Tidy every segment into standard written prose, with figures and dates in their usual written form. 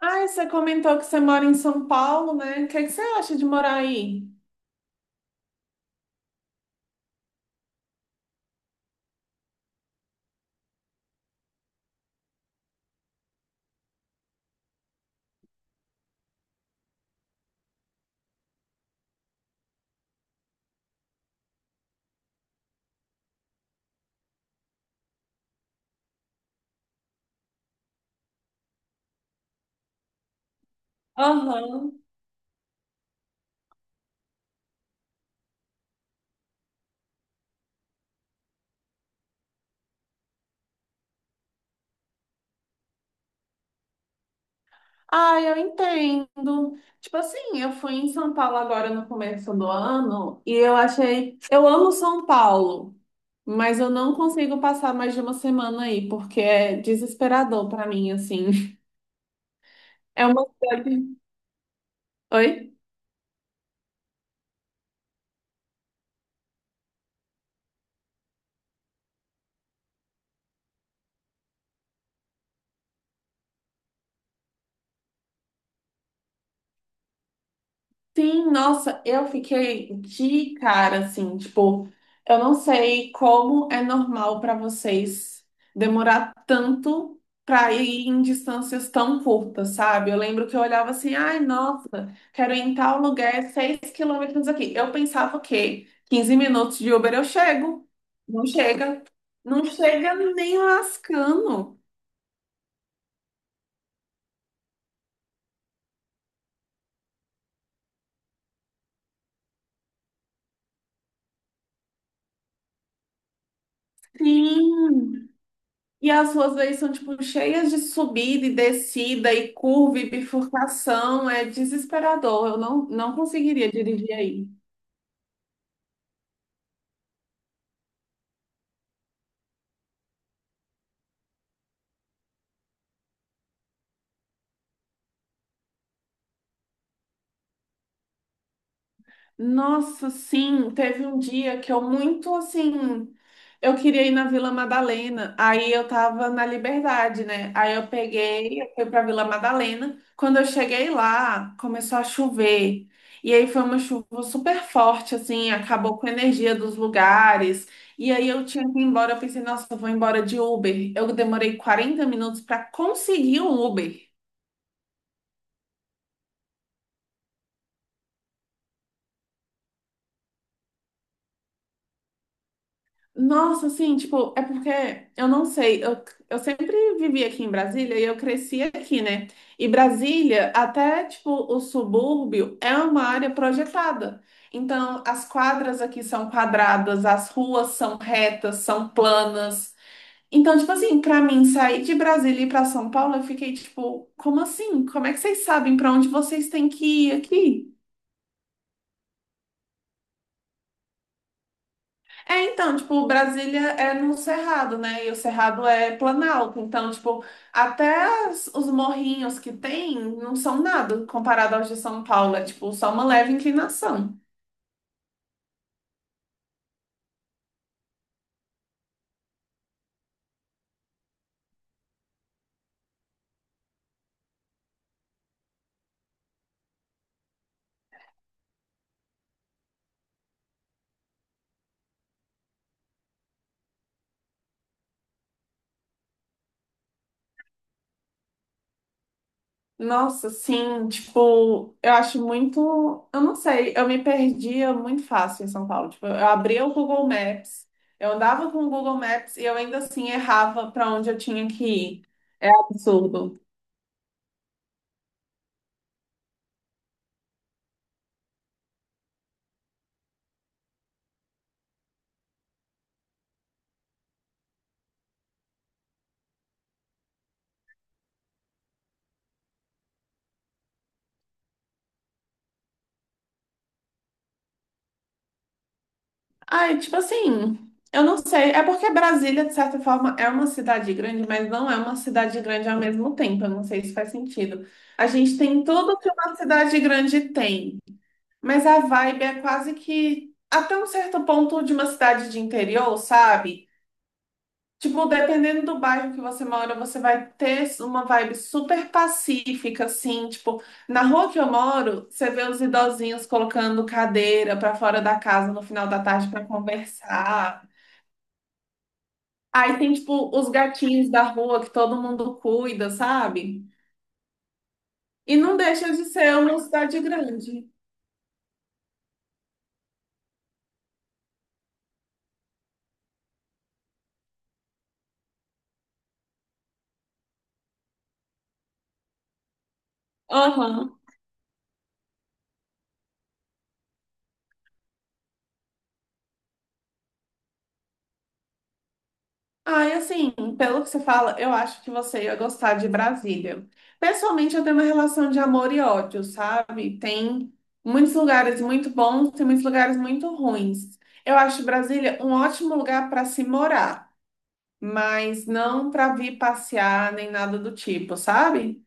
Ah, você comentou que você mora em São Paulo, né? O que é que você acha de morar aí? Aham. Ah, eu entendo. Tipo assim, eu fui em São Paulo agora no começo do ano e eu achei. Eu amo São Paulo, mas eu não consigo passar mais de uma semana aí, porque é desesperador pra mim, assim. É uma cidade. Oi? Sim, nossa, eu fiquei de cara, assim, tipo, eu não sei como é normal para vocês demorar tanto para ir em distâncias tão curtas, sabe? Eu lembro que eu olhava assim, ai, nossa, quero ir em tal lugar, é 6 quilômetros aqui. Eu pensava o quê? 15 minutos de Uber eu chego. Não chega. Não chega nem lascando. Sim. E as ruas aí são, tipo, cheias de subida e descida e curva e bifurcação. É desesperador. Eu não conseguiria dirigir aí. Nossa, sim, teve um dia que eu muito assim, eu queria ir na Vila Madalena, aí eu tava na Liberdade, né? Aí eu peguei, eu fui pra Vila Madalena. Quando eu cheguei lá, começou a chover. E aí foi uma chuva super forte, assim, acabou com a energia dos lugares. E aí eu tinha que ir embora, eu pensei, nossa, eu vou embora de Uber. Eu demorei 40 minutos para conseguir um Uber. Nossa, assim, tipo, é porque eu não sei, eu sempre vivi aqui em Brasília e eu cresci aqui, né? E Brasília, até tipo o subúrbio, é uma área projetada. Então, as quadras aqui são quadradas, as ruas são retas, são planas. Então, tipo assim, pra mim sair de Brasília e ir pra São Paulo, eu fiquei tipo, como assim? Como é que vocês sabem pra onde vocês têm que ir aqui? É, então, tipo, Brasília é no Cerrado, né? E o Cerrado é Planalto. Então, tipo, até os morrinhos que tem não são nada comparado aos de São Paulo. É, tipo, só uma leve inclinação. Nossa, sim, tipo, eu acho muito. Eu não sei, eu me perdia muito fácil em São Paulo. Tipo, eu abria o Google Maps, eu andava com o Google Maps e eu ainda assim errava para onde eu tinha que ir. É absurdo. Ai, tipo assim, eu não sei. É porque Brasília, de certa forma, é uma cidade grande, mas não é uma cidade grande ao mesmo tempo. Eu não sei se faz sentido. A gente tem tudo que uma cidade grande tem, mas a vibe é quase que até um certo ponto de uma cidade de interior, sabe? Tipo, dependendo do bairro que você mora, você vai ter uma vibe super pacífica, assim. Tipo, na rua que eu moro, você vê os idosinhos colocando cadeira pra fora da casa no final da tarde pra conversar. Aí tem, tipo, os gatinhos da rua que todo mundo cuida, sabe? E não deixa de ser uma cidade grande. Aham. Ah, e assim, pelo que você fala, eu acho que você ia gostar de Brasília. Pessoalmente, eu tenho uma relação de amor e ódio, sabe? Tem muitos lugares muito bons, tem muitos lugares muito ruins. Eu acho Brasília um ótimo lugar para se morar, mas não para vir passear nem nada do tipo, sabe?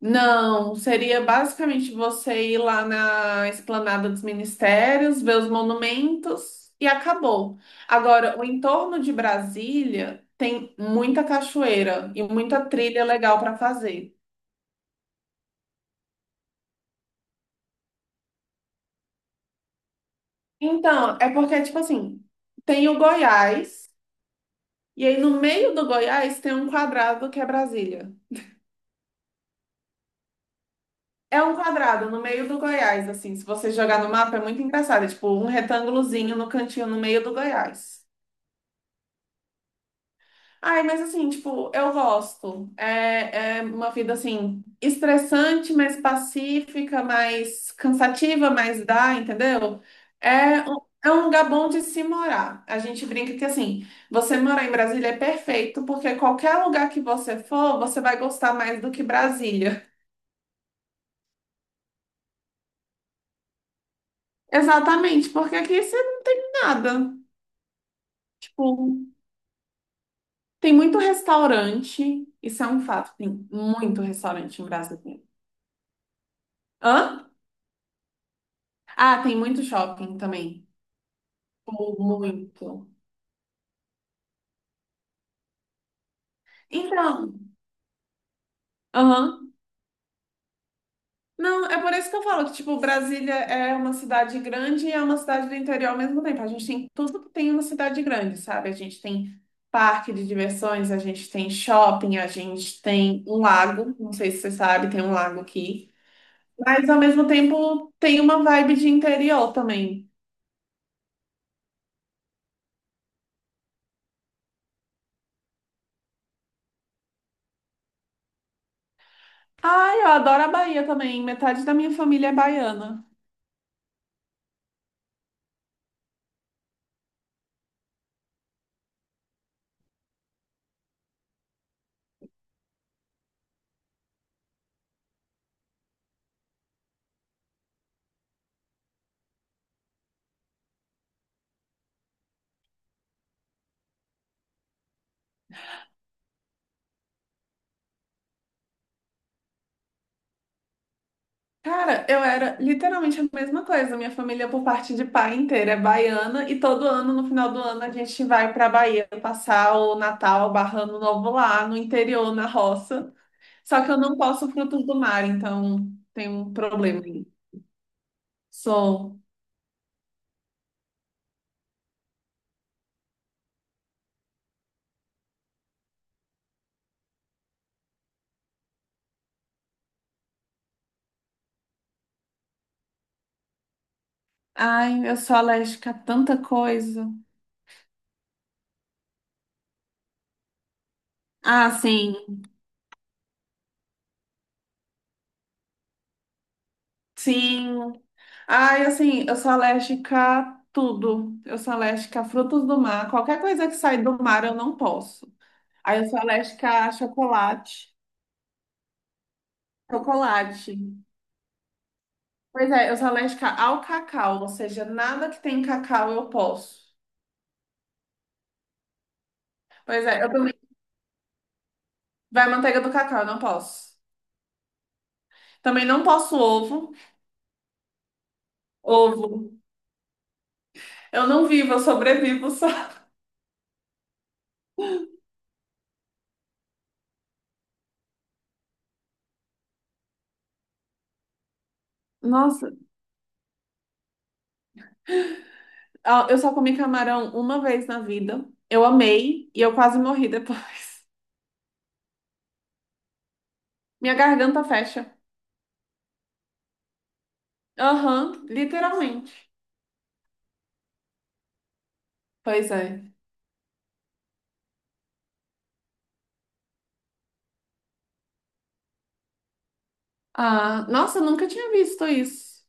Não, seria basicamente você ir lá na Esplanada dos Ministérios, ver os monumentos e acabou. Agora, o entorno de Brasília tem muita cachoeira e muita trilha legal para fazer. Então, é porque, tipo assim, tem o Goiás, e aí no meio do Goiás tem um quadrado que é Brasília. É um quadrado no meio do Goiás, assim, se você jogar no mapa é muito engraçado, é tipo um retângulozinho no cantinho no meio do Goiás. Ai, mas assim, tipo, eu gosto. É, é uma vida assim, estressante, mas pacífica, mais cansativa, mas dá, entendeu? É, um- é um lugar bom de se morar. A gente brinca que assim, você morar em Brasília é perfeito, porque qualquer lugar que você for, você vai gostar mais do que Brasília. Exatamente, porque aqui isso é nada. Tipo, tem muito restaurante, isso é um fato, tem muito restaurante em Brasília. Hã? Ah, tem muito shopping também. Muito. Então, aham. Não, é por isso que eu falo que, tipo, Brasília é uma cidade grande e é uma cidade do interior ao mesmo tempo. A gente tem tudo que tem uma cidade grande, sabe? A gente tem parque de diversões, a gente tem shopping, a gente tem um lago, não sei se você sabe, tem um lago aqui. Mas, ao mesmo tempo, tem uma vibe de interior também. Ai, eu adoro a Bahia também. Metade da minha família é baiana. Cara, eu era literalmente a mesma coisa. Minha família, por parte de pai inteira, é baiana e todo ano, no final do ano, a gente vai para Bahia passar o Natal, barra Ano Novo lá no interior, na roça. Só que eu não posso frutos do mar, então tem um problema aí. Sou. Ai, eu sou alérgica a tanta coisa. Ah, sim. Sim. Ai, assim, eu sou alérgica a tudo. Eu sou alérgica a frutos do mar. Qualquer coisa que sai do mar, eu não posso. Aí eu sou alérgica a chocolate. Chocolate. Pois é, eu sou alérgica ao cacau, ou seja, nada que tem cacau eu posso. Pois é, eu também. Vai manteiga do cacau, eu não posso. Também não posso ovo. Ovo. Eu não vivo, eu sobrevivo só. Nossa, ó, eu só comi camarão uma vez na vida. Eu amei e eu quase morri depois. Minha garganta fecha. Aham, literalmente. Pois é. Ah, nossa, eu nunca tinha visto isso.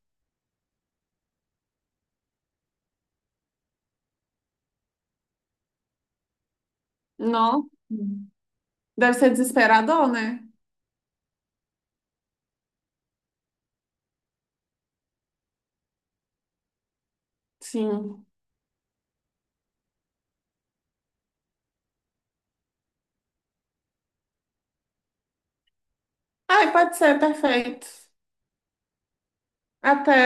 Nossa. Deve ser desesperador, né? Sim. Ai, pode ser, perfeito. Até.